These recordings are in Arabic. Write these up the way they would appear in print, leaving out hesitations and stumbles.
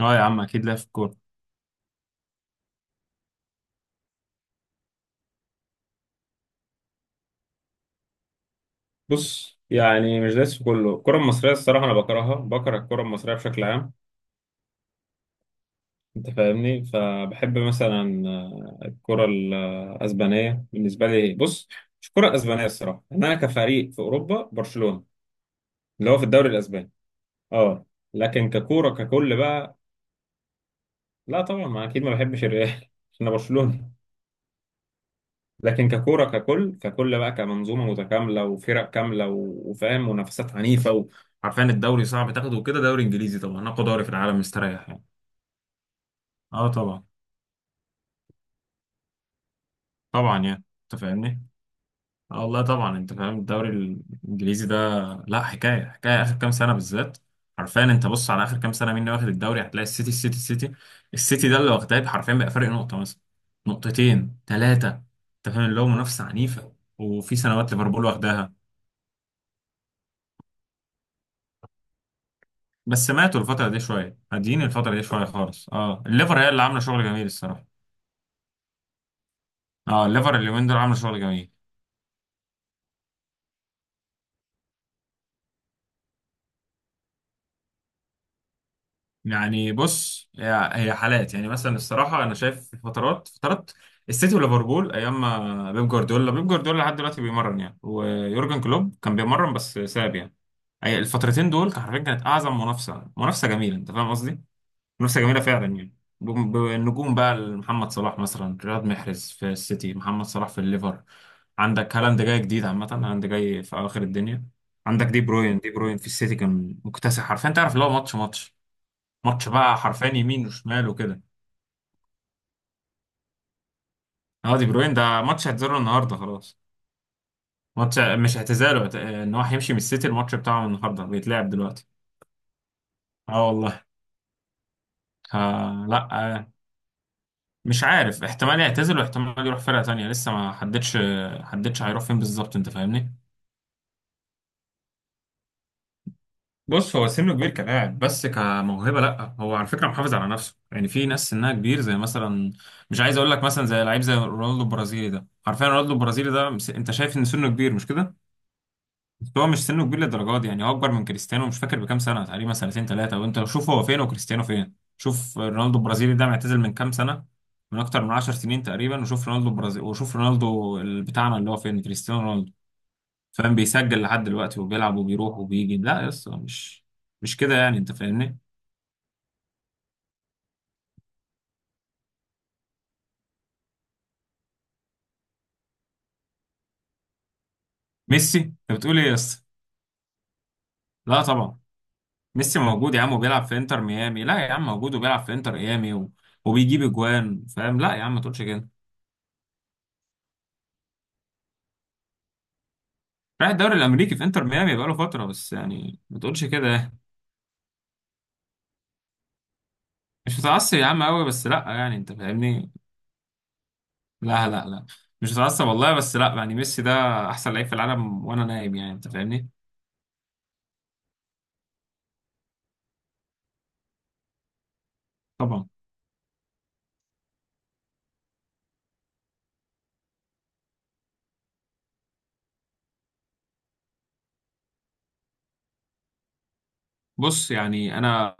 اه يا عم اكيد ليا في الكوره. بص، يعني مش دايس في كله. الكرة المصرية الصراحة أنا بكرهها، بكره الكرة المصرية بشكل عام. أنت فاهمني، فبحب مثلا الكرة الأسبانية بالنسبة لي. بص، مش الكرة الأسبانية الصراحة، إن أنا كفريق في أوروبا برشلونة، اللي هو في الدوري الأسباني. أه. لكن ككورة ككل بقى. لا طبعا، ما أكيد ما بحبش الريال عشان أنا برشلونة. لكن ككوره ككل ككل بقى، كمنظومه متكامله وفرق كامله وفاهم منافسات عنيفه، وعارفين الدوري صعب تاخده وكده. دوري انجليزي طبعا اقوى دوري في العالم، مستريح يعني. اه طبعا. طبعا يعني انت فاهمني. اه والله طبعا انت فاهم الدوري الانجليزي ده لا حكايه. حكايه اخر كام سنه بالذات. حرفيا انت بص على اخر كام سنه مين اللي واخد الدوري، هتلاقي السيتي السيتي السيتي. السيتي ده اللي واخداه حرفيا، بقى فرق نقطه مثلا، نقطتين ثلاثه. انت فاهم، اللي هو منافسه عنيفه. وفي سنوات ليفربول واخداها. بس سمعته الفترة دي شوية هادين الفترة دي شوية خالص. اه، الليفر هي اللي عاملة شغل جميل الصراحة. اه، الليفر اليومين دول عاملة شغل جميل. يعني بص، هي حالات، يعني مثلا الصراحة أنا شايف فترات فترات السيتي وليفربول أيام ما بيب جوارديولا. بيب جوارديولا لحد دلوقتي بيمرن يعني، ويورجن كلوب كان بيمرن بس ساب يعني. الفترتين دول كان حرفيا، كانت أعظم منافسة. منافسة جميلة، أنت فاهم قصدي؟ منافسة جميلة فعلا يعني. النجوم بقى، محمد صلاح مثلا، رياض محرز في السيتي، محمد صلاح في الليفر. عندك هالاند جاي جديد، عامة هالاند جاي في أواخر الدنيا. عندك دي بروين. دي بروين في السيتي كان مكتسح حرفيا، تعرف اللي هو ماتش ماتش بقى حرفيا، يمين وشمال وكده. اه، دي بروين ده ماتش اعتزاله النهارده خلاص. ماتش مش اعتزاله، ان هو هيمشي من السيتي. الماتش بتاعه النهارده بيتلعب دلوقتي. اه والله. آه لا آه، مش عارف، احتمال يعتزل واحتمال يروح فرقة تانية، لسه ما حددش. حددش هيروح فين بالظبط، انت فاهمني. بص، هو سنه كبير كلاعب بس كموهبة لا، هو على فكرة محافظ على نفسه. يعني في ناس سنها كبير زي مثلا، مش عايز اقول لك مثلا زي لعيب زي رونالدو البرازيلي ده. عارفين رونالدو البرازيلي ده انت شايف ان سنه كبير مش كده؟ بس هو مش سنه كبير للدرجه دي يعني. هو اكبر من كريستيانو مش فاكر بكام سنه، تقريبا سنتين ثلاثه. وانت لو شوف هو فين وكريستيانو فين. شوف رونالدو البرازيلي ده معتزل من كام سنه، من اكتر من 10 سنين تقريبا. وشوف رونالدو البرازيلي، وشوف رونالدو بتاعنا اللي هو فين، كريستيانو رونالدو. فاهم؟ بيسجل لحد دلوقتي وبيلعب وبيروح وبيجي. لا يا اسطى، مش مش كده يعني، انت فاهمني. ميسي؟ انت بتقول ايه يا اسطى. لا طبعا. ميسي موجود يا عم وبيلعب في انتر ميامي. لا يا عم، موجود وبيلعب في انتر ميامي و... وبيجيب اجوان، فاهم. لا يا عم ما تقولش كده. رايح الدوري الامريكي، في انتر ميامي بقاله فتره بس، يعني ما تقولش كده. مش متعصب يا عم قوي، بس لا يعني، انت فاهمني. لا لا لا، مش متعصب والله، بس لا يعني ميسي ده احسن لعيب في العالم وانا نايم، يعني انت فاهمني. طبعا. بص يعني انا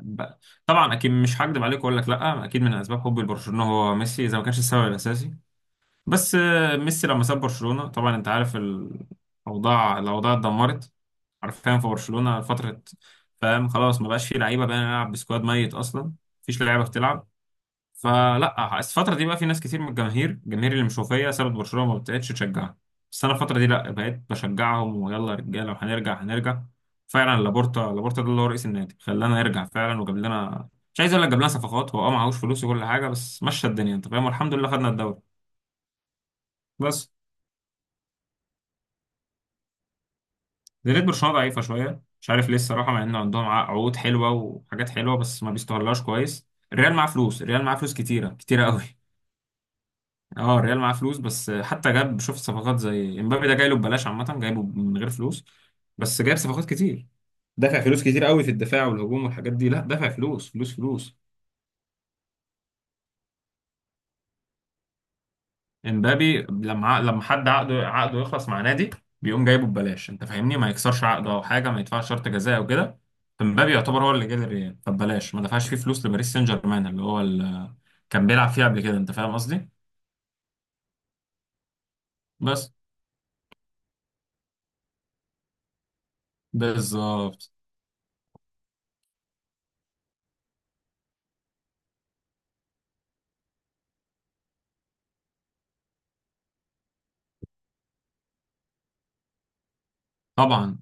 ب... طبعا اكيد مش هكدب عليك واقول لك لا، اكيد من اسباب حبي لبرشلونه هو ميسي، اذا ما كانش السبب الاساسي. بس ميسي لما ساب برشلونة طبعا انت عارف الاوضاع، الاوضاع اتدمرت. حرفيا في برشلونة فترة، فاهم، خلاص ما بقاش فيه لعيبة بقى، نلعب بسكواد ميت اصلا، مفيش لعيبة بتلعب. فلا الفترة دي بقى في ناس كتير من الجماهير، الجماهير اللي مشوفية سابت برشلونة ما بقتش تشجعها. بس انا الفترة دي لا بقيت بشجعهم، ويلا يا رجالة وهنرجع هنرجع. فعلا لابورتا، لابورتا ده اللي هو رئيس النادي خلانا نرجع فعلا، وجاب لنا، مش عايز اقول لك جاب لنا صفقات، هو اه معهوش فلوس وكل حاجة، بس مشى الدنيا انت فاهم، والحمد لله خدنا الدوري. بس زي ريد برشلونة ضعيفة شوية، مش عارف ليه الصراحة، مع إن عندهم عقود حلوة وحاجات حلوة بس ما بيستغلهاش كويس. الريال معاه فلوس، الريال معاه فلوس كتيرة كتيرة قوي اه الريال معاه فلوس، بس حتى جاب، شوف صفقات زي امبابي ده جاي له ببلاش، عامة جايبه من غير فلوس. بس جايب صفقات كتير، دافع فلوس كتير قوي في الدفاع والهجوم والحاجات دي، لا دافع فلوس فلوس فلوس. امبابي لما لما حد عقده، عقده يخلص مع نادي بيقوم جايبه ببلاش، انت فاهمني. ما يكسرش عقده او حاجه، ما يدفعش شرط جزاء او كده. فامبابي يعتبر هو اللي جه للريال، فببلاش، ما دفعش فيه فلوس لباريس سان جيرمان اللي هو اللي كان بيلعب فيه قبل كده، انت فاهم قصدي. بس بالظبط. طبعا.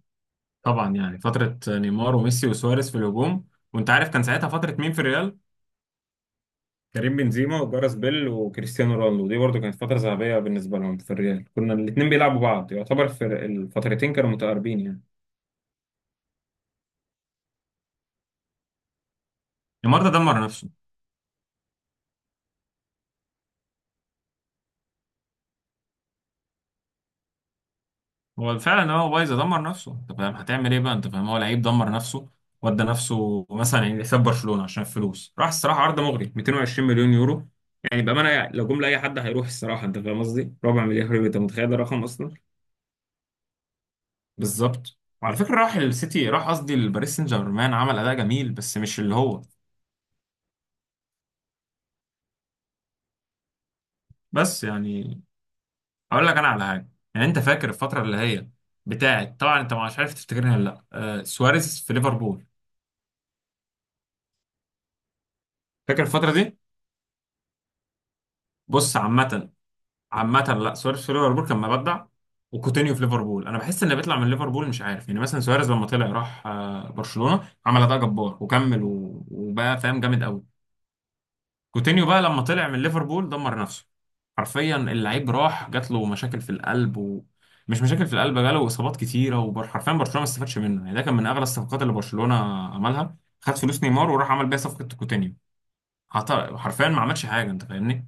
طبعا يعني فتره نيمار وميسي وسواريز في الهجوم. وانت عارف كان ساعتها فتره مين في الريال، كريم بنزيما وجارس بيل وكريستيانو رونالدو. دي برضو كانت فتره ذهبيه بالنسبه لهم في الريال. كنا الاثنين بيلعبوا بعض، يعتبر في الفترتين كانوا متقاربين يعني. نيمار ده دمر نفسه. هو فعلا هو بايظ، دمر نفسه، انت فاهم هتعمل ايه بقى، انت فاهم هو لعيب دمر نفسه. ودى نفسه مثلا يعني حساب برشلونه عشان الفلوس راح. الصراحه عرض مغري، 220 مليون يورو. يعني بامانه لو جم لاي حد هيروح الصراحه، انت فاهم قصدي، ربع مليار يورو، انت متخيل ده رقم اصلا. بالظبط. وعلى فكره راح السيتي، راح قصدي لباريس سان جيرمان، عمل اداء جميل بس مش اللي هو. بس يعني اقول لك انا على حاجه. يعني انت فاكر الفتره اللي هي بتاعت، طبعا انت مش عارف تفتكرها ولا لا، آه سواريز في ليفربول، فاكر الفتره دي؟ بص عامة، عامة لا، سواريز في ليفربول كان مبدع. وكوتينيو في ليفربول، انا بحس ان بيطلع من ليفربول، مش عارف يعني. مثلا سواريز لما طلع راح برشلونة، عمل اداء جبار وكمل وبقى فاهم جامد قوي. كوتينيو بقى لما طلع من ليفربول دمر نفسه. حرفيا اللعيب راح جات له مشاكل في القلب، ومش مشاكل في القلب، جاله اصابات كتيرة، وحرفيا برشلونة ما استفادش منه يعني. ده كان من اغلى الصفقات اللي برشلونة عملها، خد فلوس نيمار وراح عمل بيها صفقة كوتينيو. حرفيا ما عملش حاجة، انت فاهمني.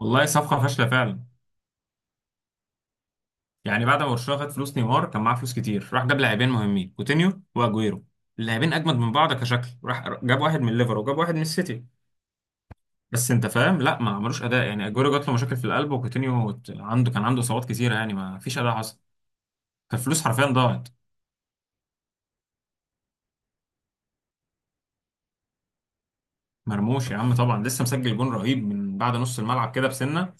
والله صفقة فاشلة فعلا. يعني بعد ما برشلونه خد فلوس نيمار كان معاه فلوس كتير، راح جاب لاعبين مهمين، كوتينيو واجويرو. اللاعبين اجمد من بعض كشكل، راح جاب واحد من ليفر وجاب واحد من السيتي. بس انت فاهم، لا ما عملوش اداء يعني. اجويرو جات له مشاكل في القلب، وكوتينيو عنده، كان عنده اصابات كتيره يعني، ما فيش اداء حصل. فالفلوس حرفيا ضاعت. مرموش يا عم طبعا، لسه مسجل جون رهيب من بعد نص الملعب كده بسنه.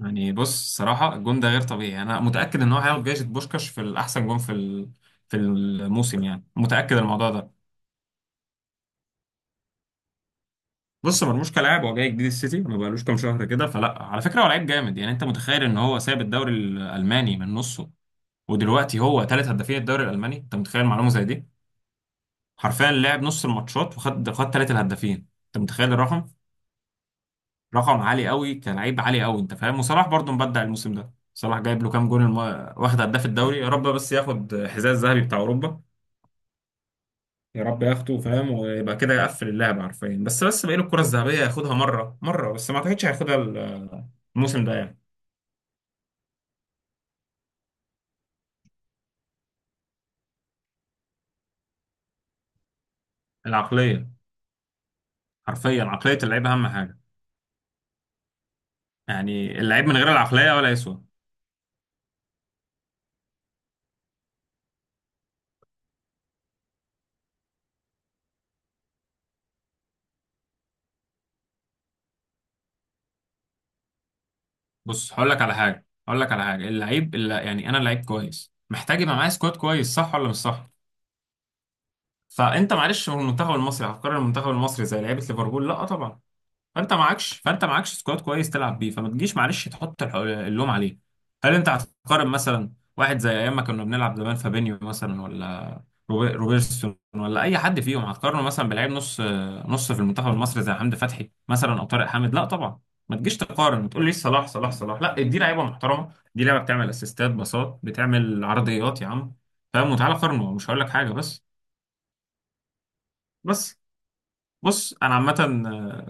يعني بص صراحه، الجون ده غير طبيعي، انا متاكد ان هو هياخد جائزه بوشكاش في الاحسن جون في في الموسم يعني، متاكد الموضوع ده. بص مرموش كلاعب هو جاي جديد السيتي، ما بقالوش كام شهر كده، فلا على فكره هو لعيب جامد يعني. انت متخيل ان هو ساب الدوري الالماني من نصه ودلوقتي هو ثالث هدافين الدوري الالماني، انت متخيل معلومه زي دي؟ حرفيا لعب نص الماتشات وخد ثالث الهدافين، انت متخيل الرقم؟ رقم عالي قوي، كلاعب عالي قوي، انت فاهم. وصلاح برضه مبدع الموسم ده، صلاح جايب له كام جون الم... واخد هداف الدوري. يا رب بس ياخد حذاء الذهبي بتاع اوروبا، يا رب ياخده، فاهم، ويبقى كده يقفل اللعبة حرفيا. بس بقيل الكرة الذهبية ياخدها مرة مرة، بس ما اعتقدش هياخدها الموسم ده يعني. العقلية، حرفيا عقلية اللعيب أهم حاجة. يعني اللعيب من غير العقلية ولا يسوى. بص هقول لك على حاجة، هقول لك على حاجة، اللعيب اللي يعني، أنا لعيب كويس محتاج يبقى معايا سكواد كويس، صح ولا مش صح؟ فأنت معلش، هو المنتخب المصري هفكر المنتخب المصري زي لعيبة ليفربول؟ لا طبعا. فانت معكش، فانت معكش سكواد كويس تلعب بيه، فما تجيش معلش تحط اللوم عليه. هل انت هتقارن مثلا واحد زي ايام ما كنا بنلعب زمان، فابينيو مثلا، ولا روبرتسون، ولا اي حد فيهم، هتقارنه مثلا بلعيب نص نص في المنتخب المصري زي حمدي فتحي مثلا او طارق حامد؟ لا طبعا. ما تجيش تقارن وتقول لي صلاح صلاح صلاح. لا، دي لعيبه محترمه، دي لعيبه بتعمل اسيستات، باصات، بتعمل عرضيات يا عم، فاهم، وتعالى قارنه، مش هقول لك حاجه. بس، بس بص انا عامه،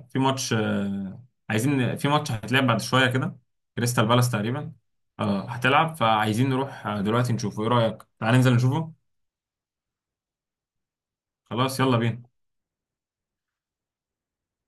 في ماتش، عايزين، في ماتش هيتلعب بعد شويه كده، كريستال بالاس تقريبا. اه هتلعب، فعايزين نروح دلوقتي نشوفه. ايه رايك، تعال ننزل نشوفه. خلاص يلا بينا.